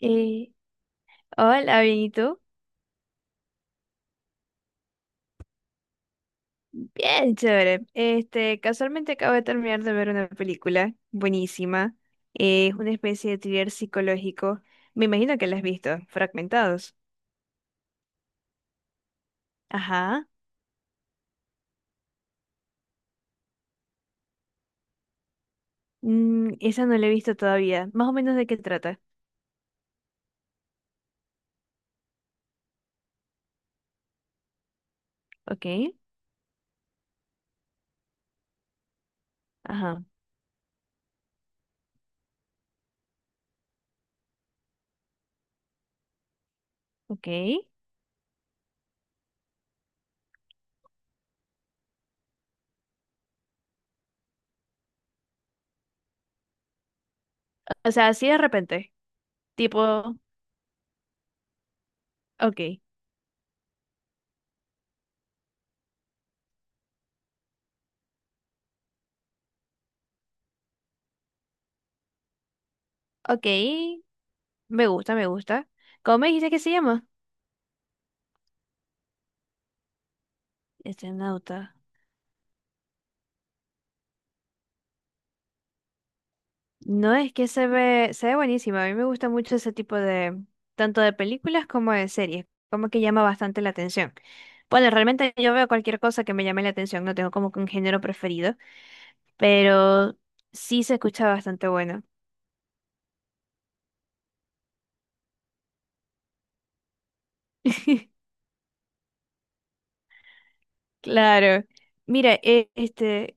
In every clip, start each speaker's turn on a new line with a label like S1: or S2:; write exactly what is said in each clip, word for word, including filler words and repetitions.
S1: Eh, Hola, bien, ¿y tú? Bien, chévere. Este, casualmente acabo de terminar de ver una película buenísima. Eh, es una especie de thriller psicológico. Me imagino que la has visto, Fragmentados. Ajá. Mm, esa no la he visto todavía. Más o menos de qué trata. Ok. Ajá. Ok. O sea, así de repente. Tipo, ok. Ok. Me gusta, me gusta. ¿Cómo me dijiste que se llama? Este nota. No, es que se ve, se ve buenísima. A mí me gusta mucho ese tipo de, tanto de películas como de series, como que llama bastante la atención. Bueno, realmente yo veo cualquier cosa que me llame la atención, no tengo como que un género preferido, pero sí se escucha bastante bueno. Claro. Mira, eh, este,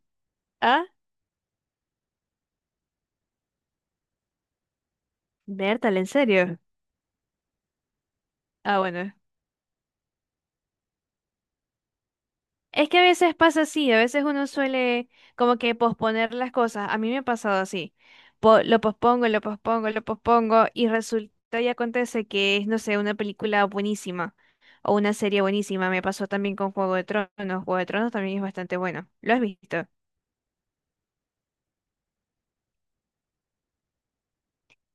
S1: ah, Bertal, ¿en serio? Ah, bueno. Es que a veces pasa así, a veces uno suele como que posponer las cosas. A mí me ha pasado así. Po- lo pospongo, lo pospongo, lo pospongo y resulta y acontece que es, no sé, una película buenísima o una serie buenísima. Me pasó también con Juego de Tronos. Juego de Tronos también es bastante bueno. ¿Lo has visto?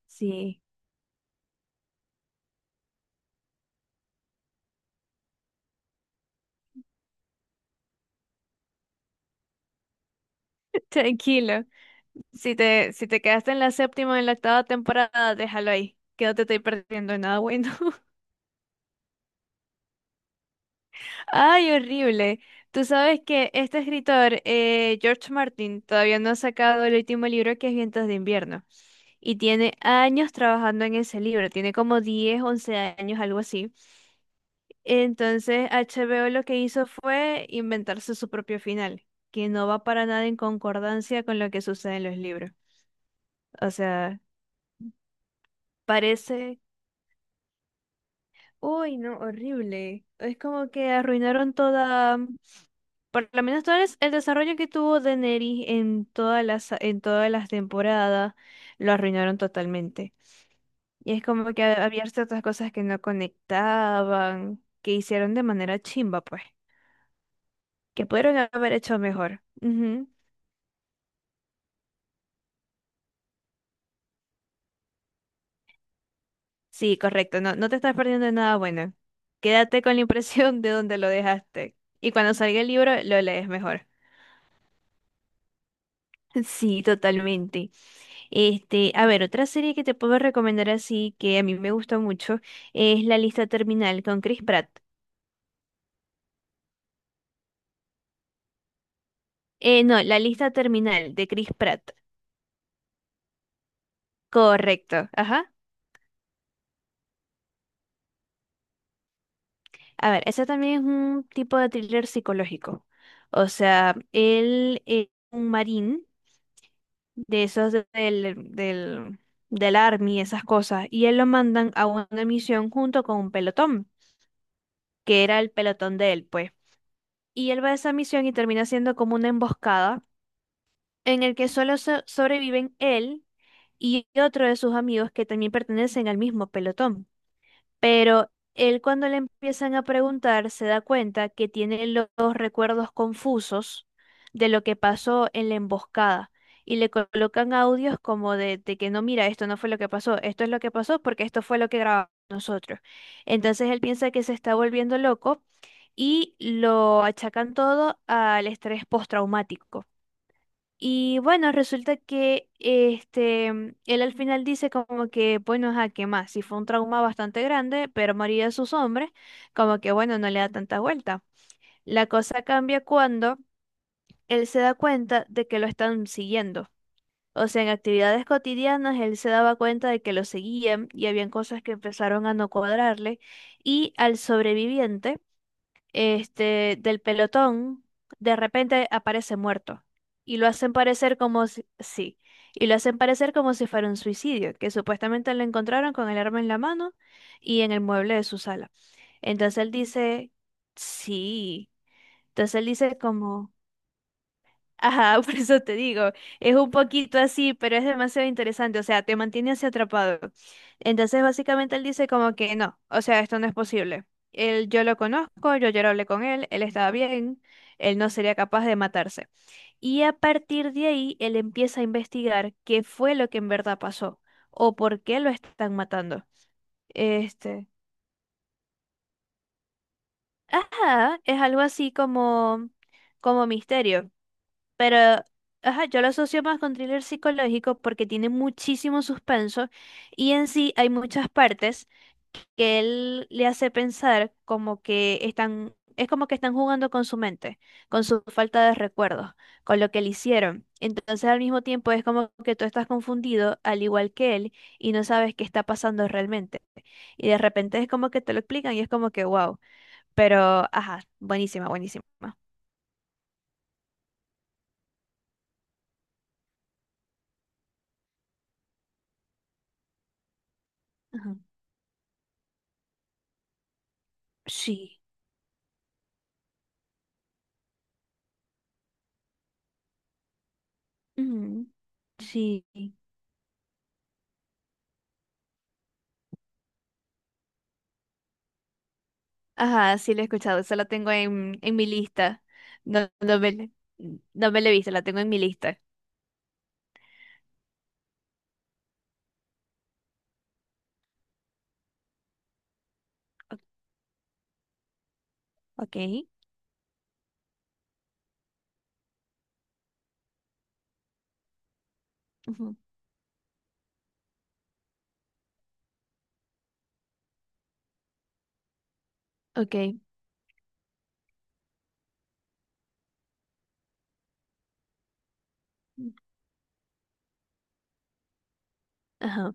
S1: Sí. Tranquilo. Si te, si te quedaste en la séptima o en la octava temporada, déjalo ahí, que no te estoy perdiendo nada bueno. Ay, horrible. Tú sabes que este escritor, eh, George Martin, todavía no ha sacado el último libro que es Vientos de Invierno. Y tiene años trabajando en ese libro, tiene como diez, once años, algo así. Entonces, H B O lo que hizo fue inventarse su propio final, que no va para nada en concordancia con lo que sucede en los libros. O sea, parece... Uy, no, horrible. Es como que arruinaron toda... Por lo menos todo es- el desarrollo que tuvo Daenerys en todas las, en todas las temporadas lo arruinaron totalmente. Y es como que ha- había ciertas cosas que no conectaban, que hicieron de manera chimba, pues, que pudieron haber hecho mejor. Ujú. Sí, correcto, no, no te estás perdiendo de nada bueno. Quédate con la impresión de donde lo dejaste. Y cuando salga el libro, lo lees mejor. Sí, totalmente. Este, a ver, otra serie que te puedo recomendar así, que a mí me gusta mucho, es La Lista Terminal con Chris Pratt. Eh, no, La Lista Terminal de Chris Pratt. Correcto, ajá. A ver, ese también es un tipo de thriller psicológico. O sea, él es un marín de esos de- del, del, del Army, esas cosas, y él lo mandan a una misión junto con un pelotón, que era el pelotón de él, pues. Y él va a esa misión y termina siendo como una emboscada en el que solo so- sobreviven él y otro de sus amigos que también pertenecen al mismo pelotón. Pero él cuando le empiezan a preguntar se da cuenta que tiene lo- los recuerdos confusos de lo que pasó en la emboscada. Y le colocan audios como de, de que no, mira, esto no fue lo que pasó, esto es lo que pasó porque esto fue lo que grabamos nosotros. Entonces él piensa que se está volviendo loco y lo achacan todo al estrés postraumático. Y bueno, resulta que este, él al final dice como que, bueno, ajá, ¿qué más? Si fue un trauma bastante grande, pero María sus hombres, como que, bueno, no le da tanta vuelta. La cosa cambia cuando él se da cuenta de que lo están siguiendo. O sea, en actividades cotidianas él se daba cuenta de que lo seguían y habían cosas que empezaron a no cuadrarle. Y al sobreviviente este, del pelotón, de repente aparece muerto. Y lo hacen parecer como si, sí, y lo hacen parecer como si fuera un suicidio, que supuestamente lo encontraron con el arma en la mano y en el mueble de su sala. Entonces él dice, sí. Entonces él dice como... Ajá, por eso te digo, es un poquito así, pero es demasiado interesante, o sea, te mantiene así atrapado. Entonces, básicamente él dice como que no, o sea, esto no es posible. Él, yo lo conozco, yo ya hablé con él, él estaba bien, él no sería capaz de matarse. Y a partir de ahí, él empieza a investigar qué fue lo que en verdad pasó o por qué lo están matando. Este, ajá, es algo así como, como misterio. Pero, ajá, yo lo asocio más con thriller psicológico porque tiene muchísimo suspenso y en sí hay muchas partes que él le hace pensar como que están, es como que están jugando con su mente, con su falta de recuerdos, con lo que le hicieron. Entonces al mismo tiempo es como que tú estás confundido al igual que él y no sabes qué está pasando realmente. Y de repente es como que te lo explican y es como que wow, pero ajá, buenísima, buenísima. Ajá. Sí. Ujú. Sí. Ajá, sí la he escuchado. Esa la tengo en, en mi lista. No, no, me, la- no me la he visto, la tengo en mi lista. O- Ok. Ujú. Ok. Ajá.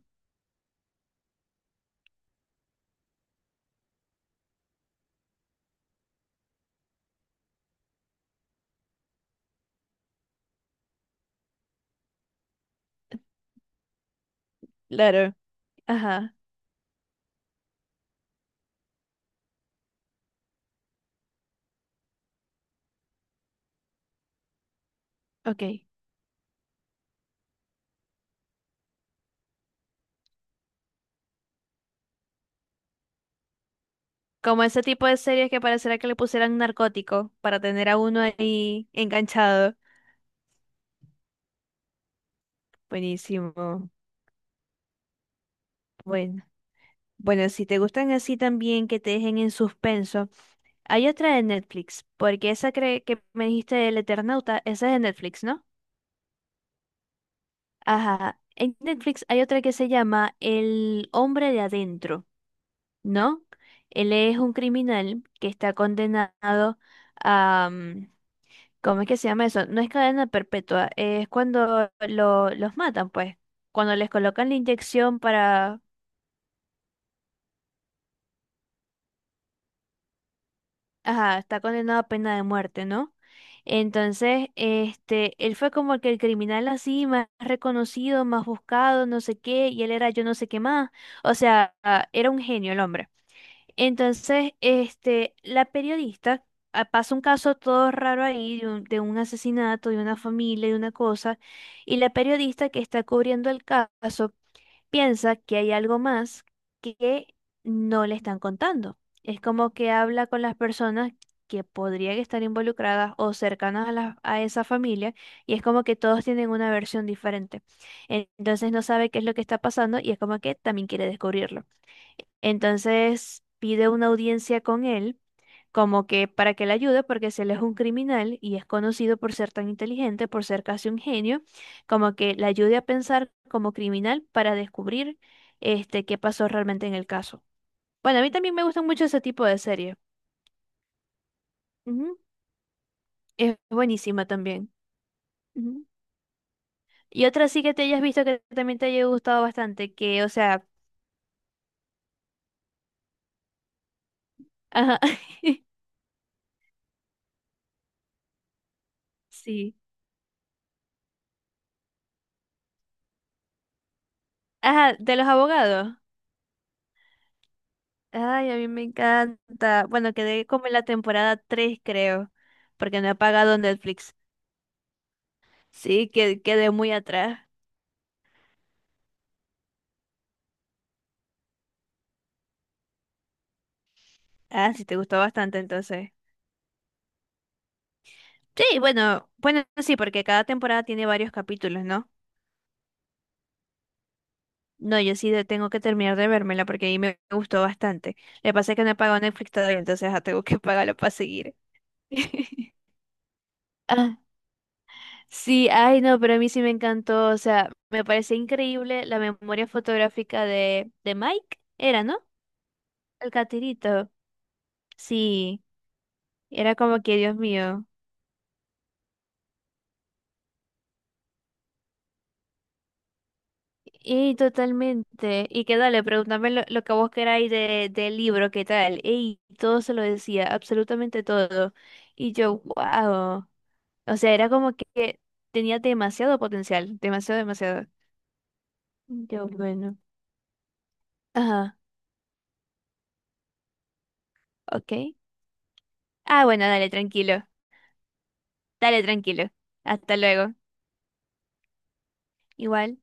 S1: Claro. Ajá. Ok. Como ese tipo de series que pareciera que le pusieran narcótico para tener a uno ahí enganchado. Buenísimo. Bueno. Bueno, si te gustan así también que te dejen en suspenso, hay otra de Netflix, porque esa cre- que me dijiste del Eternauta, esa es de Netflix, ¿no? Ajá. En Netflix hay otra que se llama El hombre de adentro, ¿no? Él es un criminal que está condenado a... mm, ¿Cómo es que se llama eso? No es cadena perpetua, es cuando lo- los matan, pues. Cuando les colocan la inyección para... Ajá, está condenado a pena de muerte, ¿no? Entonces, este, él fue como que el criminal así, más reconocido, más buscado, no sé qué, y él era yo no sé qué más. O sea, ah, era un genio el hombre. Entonces, este, la periodista ah, pasa un caso todo raro ahí de un, de un asesinato, de una familia, de una cosa, y la periodista que está cubriendo el caso piensa que hay algo más que no le están contando. Es como que habla con las personas que podrían estar involucradas o cercanas a la- a esa familia, y es como que todos tienen una versión diferente. En- Entonces no sabe qué es lo que está pasando y es como que también quiere descubrirlo. Entonces pide una audiencia con él, como que para que le ayude, porque si él es un criminal y es conocido por ser tan inteligente, por ser casi un genio, como que le ayude a pensar como criminal para descubrir este qué pasó realmente en el caso. Bueno, a mí también me gustan mucho ese tipo de series. Ujú. Es buenísima también. Ujú. Y otra sí que te hayas visto que también te haya gustado bastante, que, o sea, ajá, sí. Ajá, de los abogados. Ay, a mí me encanta. Bueno, quedé como en la temporada tres, creo, porque no he pagado Netflix. Sí, que quedé muy atrás. Ah, sí, te gustó bastante entonces. Sí, bueno, bueno, sí, porque cada temporada tiene varios capítulos, ¿no? No, yo sí de- tengo que terminar de vérmela porque ahí me gustó bastante. Le pasa es que no he pagado Netflix todavía, entonces ah, tengo que pagarlo para seguir. Ah, sí, ay no, pero a mí sí me encantó, o sea, me parece increíble la memoria fotográfica de, de, Mike, era, ¿no? El catirito, sí, era como que, Dios mío. Y totalmente. Y que dale, pregúntame lo, lo que vos queráis de, del libro, qué tal. Y todo se lo decía, absolutamente todo. Y yo, wow. O sea, era como que tenía demasiado potencial, demasiado, demasiado. Yo, bueno. Ajá, ok. Ah, bueno, dale, tranquilo. Dale, tranquilo. Hasta luego. Igual.